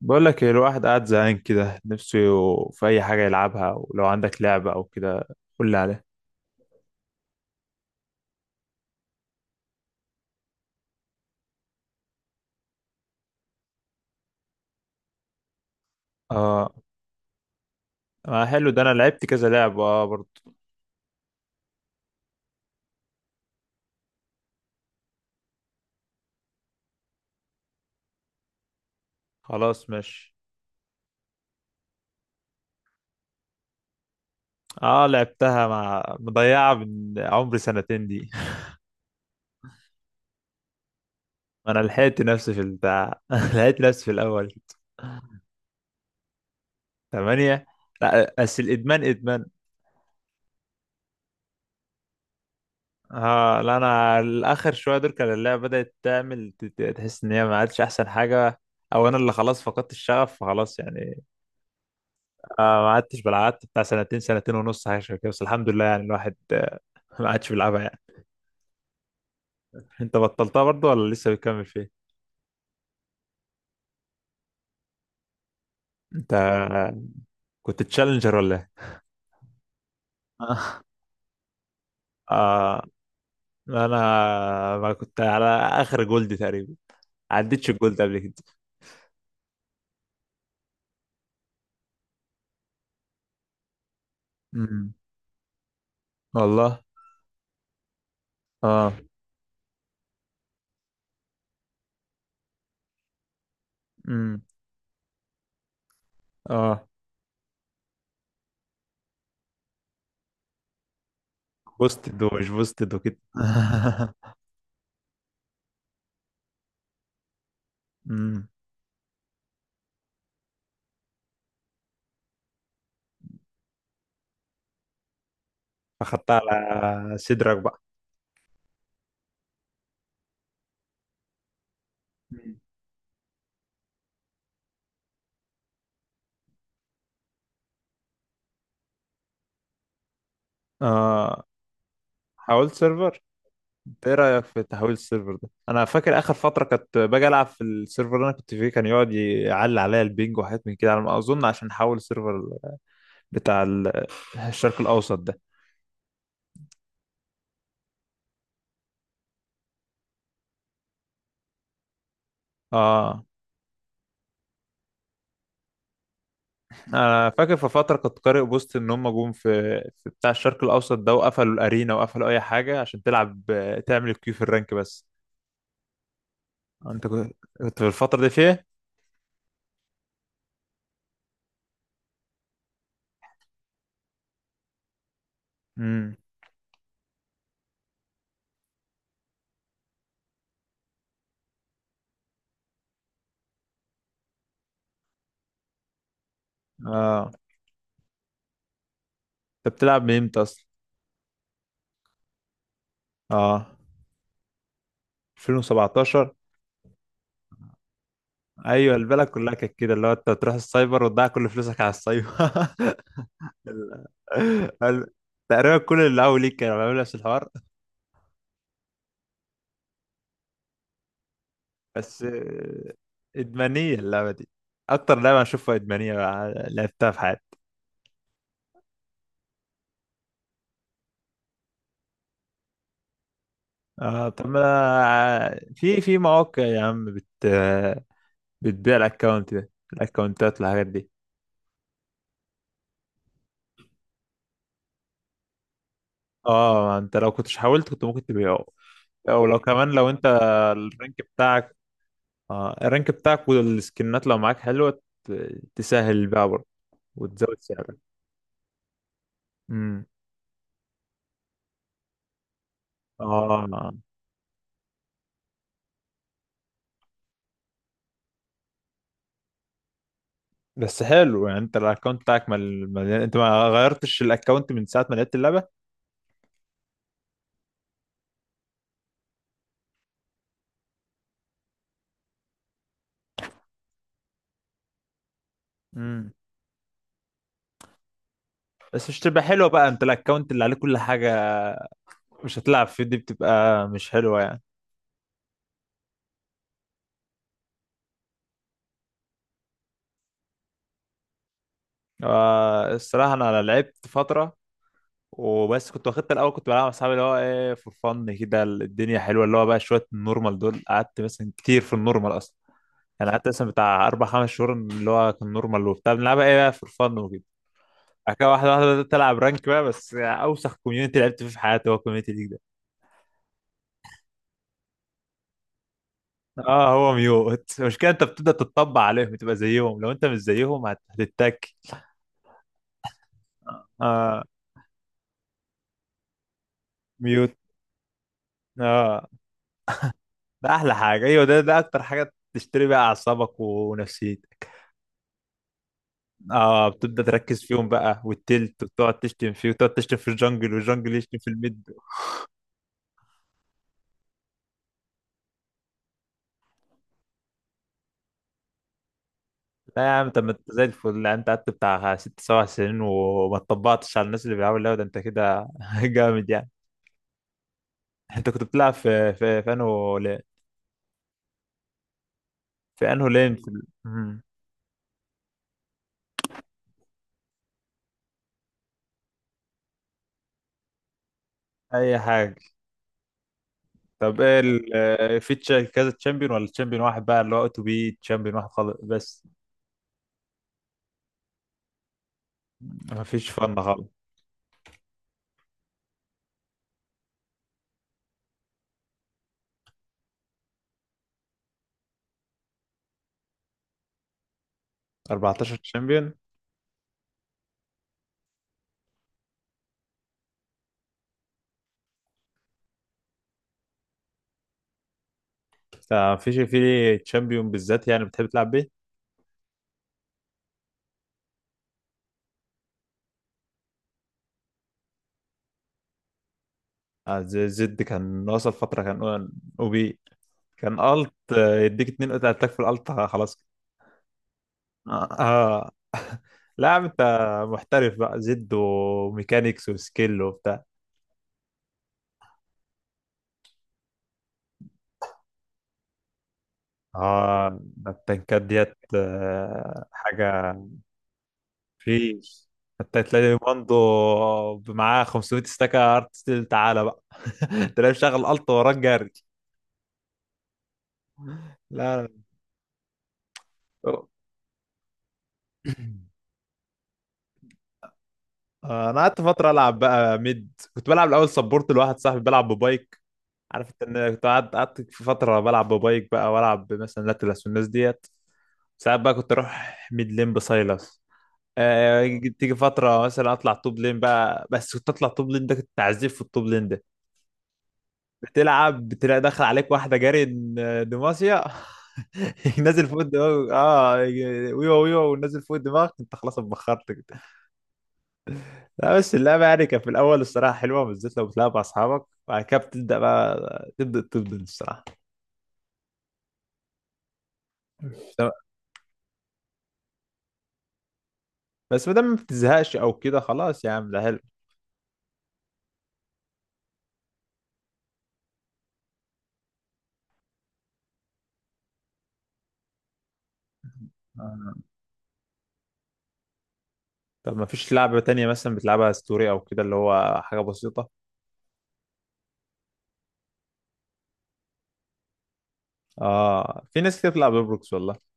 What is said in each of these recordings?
بقول لك إيه، الواحد قاعد زهقان كده نفسه في اي حاجه يلعبها، ولو عندك لعبه او كده قول لي عليها. اه ما حلو ده، انا لعبت كذا لعبه اه برضه. خلاص ماشي. اه لعبتها، مع مضيعه من عمري سنتين دي. انا لحقت نفسي في البتاع. لحقت نفسي في الاول. ثمانية. لا بس الادمان ادمان. اه لا انا الاخر شويه دول كان اللعبه بدات تعمل تحس ان هي ما عادش احسن حاجه، او انا اللي خلاص فقدت الشغف فخلاص يعني. ما عدتش بلعب، قعدت بتاع سنتين سنتين ونص حاجه شبه كده، بس الحمد لله يعني الواحد ما عادش بيلعبها يعني. انت بطلتها برضو ولا لسه بتكمل فيها؟ انت كنت تشالنجر ولا ايه؟ آه. آه. أنا ما كنت على آخر جولد تقريبا، عديتش الجولد قبل كده. أمم. والله. آه. أمم. اه بوستد ومش بوستد وكده. أمم. أخدتها على صدرك بقى. أمم. آه. حاولت سيرفر. انت ايه رايك في تحويل السيرفر ده؟ انا فاكر اخر فتره كنت باجي العب في السيرفر اللي انا كنت فيه كان يقعد يعلي عليا البينج وحاجات من كده، على ما اظن عشان حول السيرفر بتاع الشرق الاوسط ده. اه انا فاكر في فتره كنت قارئ بوست ان هم جم في بتاع الشرق الاوسط ده وقفلوا الارينا وقفلوا اي حاجه عشان تلعب، تعمل الكيو في الرانك بس. انت كنت، كنت في الفتره دي فيها؟ امم. اه انت بتلعب من امتى اصلا؟ اه 2017. ايوه البلد كلها كانت كده، اللي هو انت تروح السايبر وتضيع كل فلوسك على السايبر. ال- ال- تقريبا كل اللي اول ليك كانوا بيعملوا نفس الحوار. بس ادمانيه اللعبه دي، اكتر لعبه اشوفها ادمانيه لعبتها في حياتي. اه طب ما في في مواقع يا عم بتبيع الاكونت ده، الاكونتات والحاجات دي. اه انت لو كنتش حاولت كنت ممكن تبيعه. او لو كمان لو انت الرانك بتاعك، اه الرانك بتاعك والسكنات لو معاك حلوة تسهل البيع برضه وتزود سعرك. امم. اه بس حلو يعني، انت الاكونت بتاعك انت ما غيرتش الاكونت من ساعة ما لعبت اللعبة؟ امم. بس مش تبقى حلوة بقى انت الاكونت اللي عليه كل حاجة مش هتلعب فيه؟ دي بتبقى مش حلوة يعني. آه الصراحة انا لعبت فترة وبس، كنت واخدت الاول كنت بلعب مع اصحابي اللي هو ايه فور فن كده الدنيا حلوة، اللي هو بقى شوية النورمال دول قعدت مثلا كتير في النورمال اصلا. انا قعدت مثلا بتاع اربع خمس شهور اللي هو كان نورمال وبتاع بنلعبها ايه بقى فور فن وكده. بعد كده واحده واحده بدات العب رانك بقى، بس اوسخ كوميونتي لعبت فيه في حياتي هو الكوميونتي ليج ده. اه هو ميوت. المشكله انت بتبدا تتطبع عليهم تبقى زيهم، لو انت مش زيهم هتتك. اه ميوت. اه ده احلى حاجه، ايوه ده ده اكتر حاجه تشتري بقى اعصابك ونفسيتك. اه بتبدا تركز فيهم بقى والتلت، وتقعد تشتم فيه وتقعد تشتم في الجنجل والجنجل يشتم في الميد. لا يا عم طب ما انت زي الفل، لا، انت قعدت بتاع ست سبع سنين وما اتطبقتش على الناس اللي بيلعبوا اللعبه ده، انت كده جامد يعني. انت كنت بتلعب في انه لين؟ في انه لين، في ال... مم. اي حاجه. طب ايه ال... آه، كذا تشامبيون ولا تشامبيون واحد بقى اللي هو تو بي؟ تشامبيون واحد خالص بس، ما فيش فن خالص. 14 تشامبيون؟ ما فيش في تشامبيون بالذات يعني بتحب تلعب بيه؟ آه، زي زد كان وصل فتره كان او بي، كان الت يديك اتنين قطع اتاك في الالت خلاص. آه. آه. لا يا عم انت محترف بقى، زد وميكانيكس وسكيل وبتاع. اه ده التنكات ديت حاجة فيش، حتى تلاقي ماندو معاه 500 استاكة ارت ستيل تعالى بقى. تلاقيه مشغل الت وراك جري. لا لا. انا قعدت فترة العب بقى ميد، كنت بلعب الاول سبورت لواحد صاحبي بلعب ببايك. عارف انت ان كنت قعدت، قعدت في فتره بلعب ببايك بقى والعب مثلا لاتلس والناس ديت. ساعات بقى كنت اروح ميد لين بسايلس. آه. تيجي فتره مثلا اطلع توب لين بقى، بس كنت اطلع توب لين ده كنت تعذيب في التوب لين ده، بتلعب بتلاقي داخل عليك واحده جاري دماسيا. نازل فوق الدماغ اه، ويوا ويوا ونازل فوق دماغك انت خلاص اتبخرت كده. لا بس اللعبه يعني كانت في الاول الصراحه حلوه، بالذات لو بتلعب مع اصحابك، وبعد كده بتبدا بقى تبدا الصراحه. بس ما دام ما بتزهقش او كده خلاص يا عم ده حلو. آه. طب ما فيش لعبة تانية مثلا بتلعبها ستوري او كده اللي هو حاجة بسيطة؟ اه في ناس كتير بتلعب روبلوكس والله.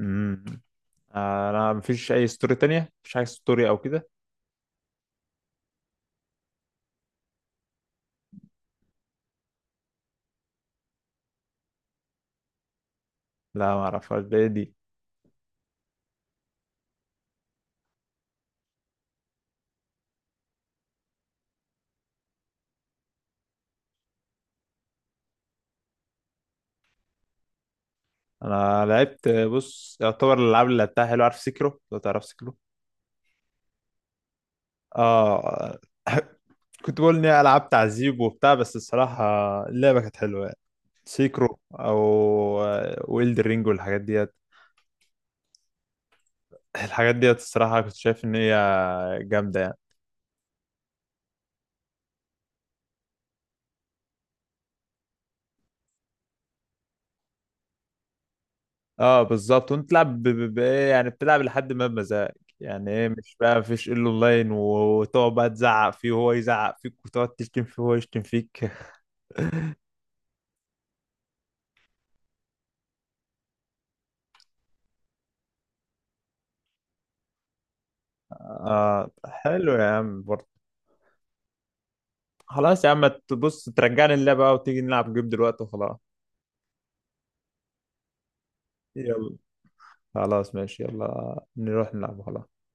امم. انا ما فيش اي ستوري تانية، ما فيش حاجة ستوري او كده. لا ما اعرفهاش، ده إيه دي؟ انا لعبت، بص يعتبر الالعاب اللي لعبتها حلو، عارف سيكرو؟ لو تعرف سيكرو. اه. كنت بقول اني العاب تعذيب وبتاع، بس الصراحة اللعبة كانت حلوة يعني. سيكرو او ويلد رينج والحاجات دي، الحاجات ديت الصراحة كنت شايف إن هي جامدة يعني. اه بالظبط، وانت تلعب بايه يعني، بتلعب لحد ما بمزاجك يعني ايه، مش بقى مفيش الا اونلاين وتقعد بقى تزعق فيه وهو يزعق فيك وتقعد تشتم فيه وهو يشتم فيك. اه حلو يا عم برضه. خلاص يا عم تبص ترجعني اللعبة بقى وتيجي نلعب جيم دلوقتي وخلاص. يلا. خلاص ماشي يلا نروح نلعب خلاص.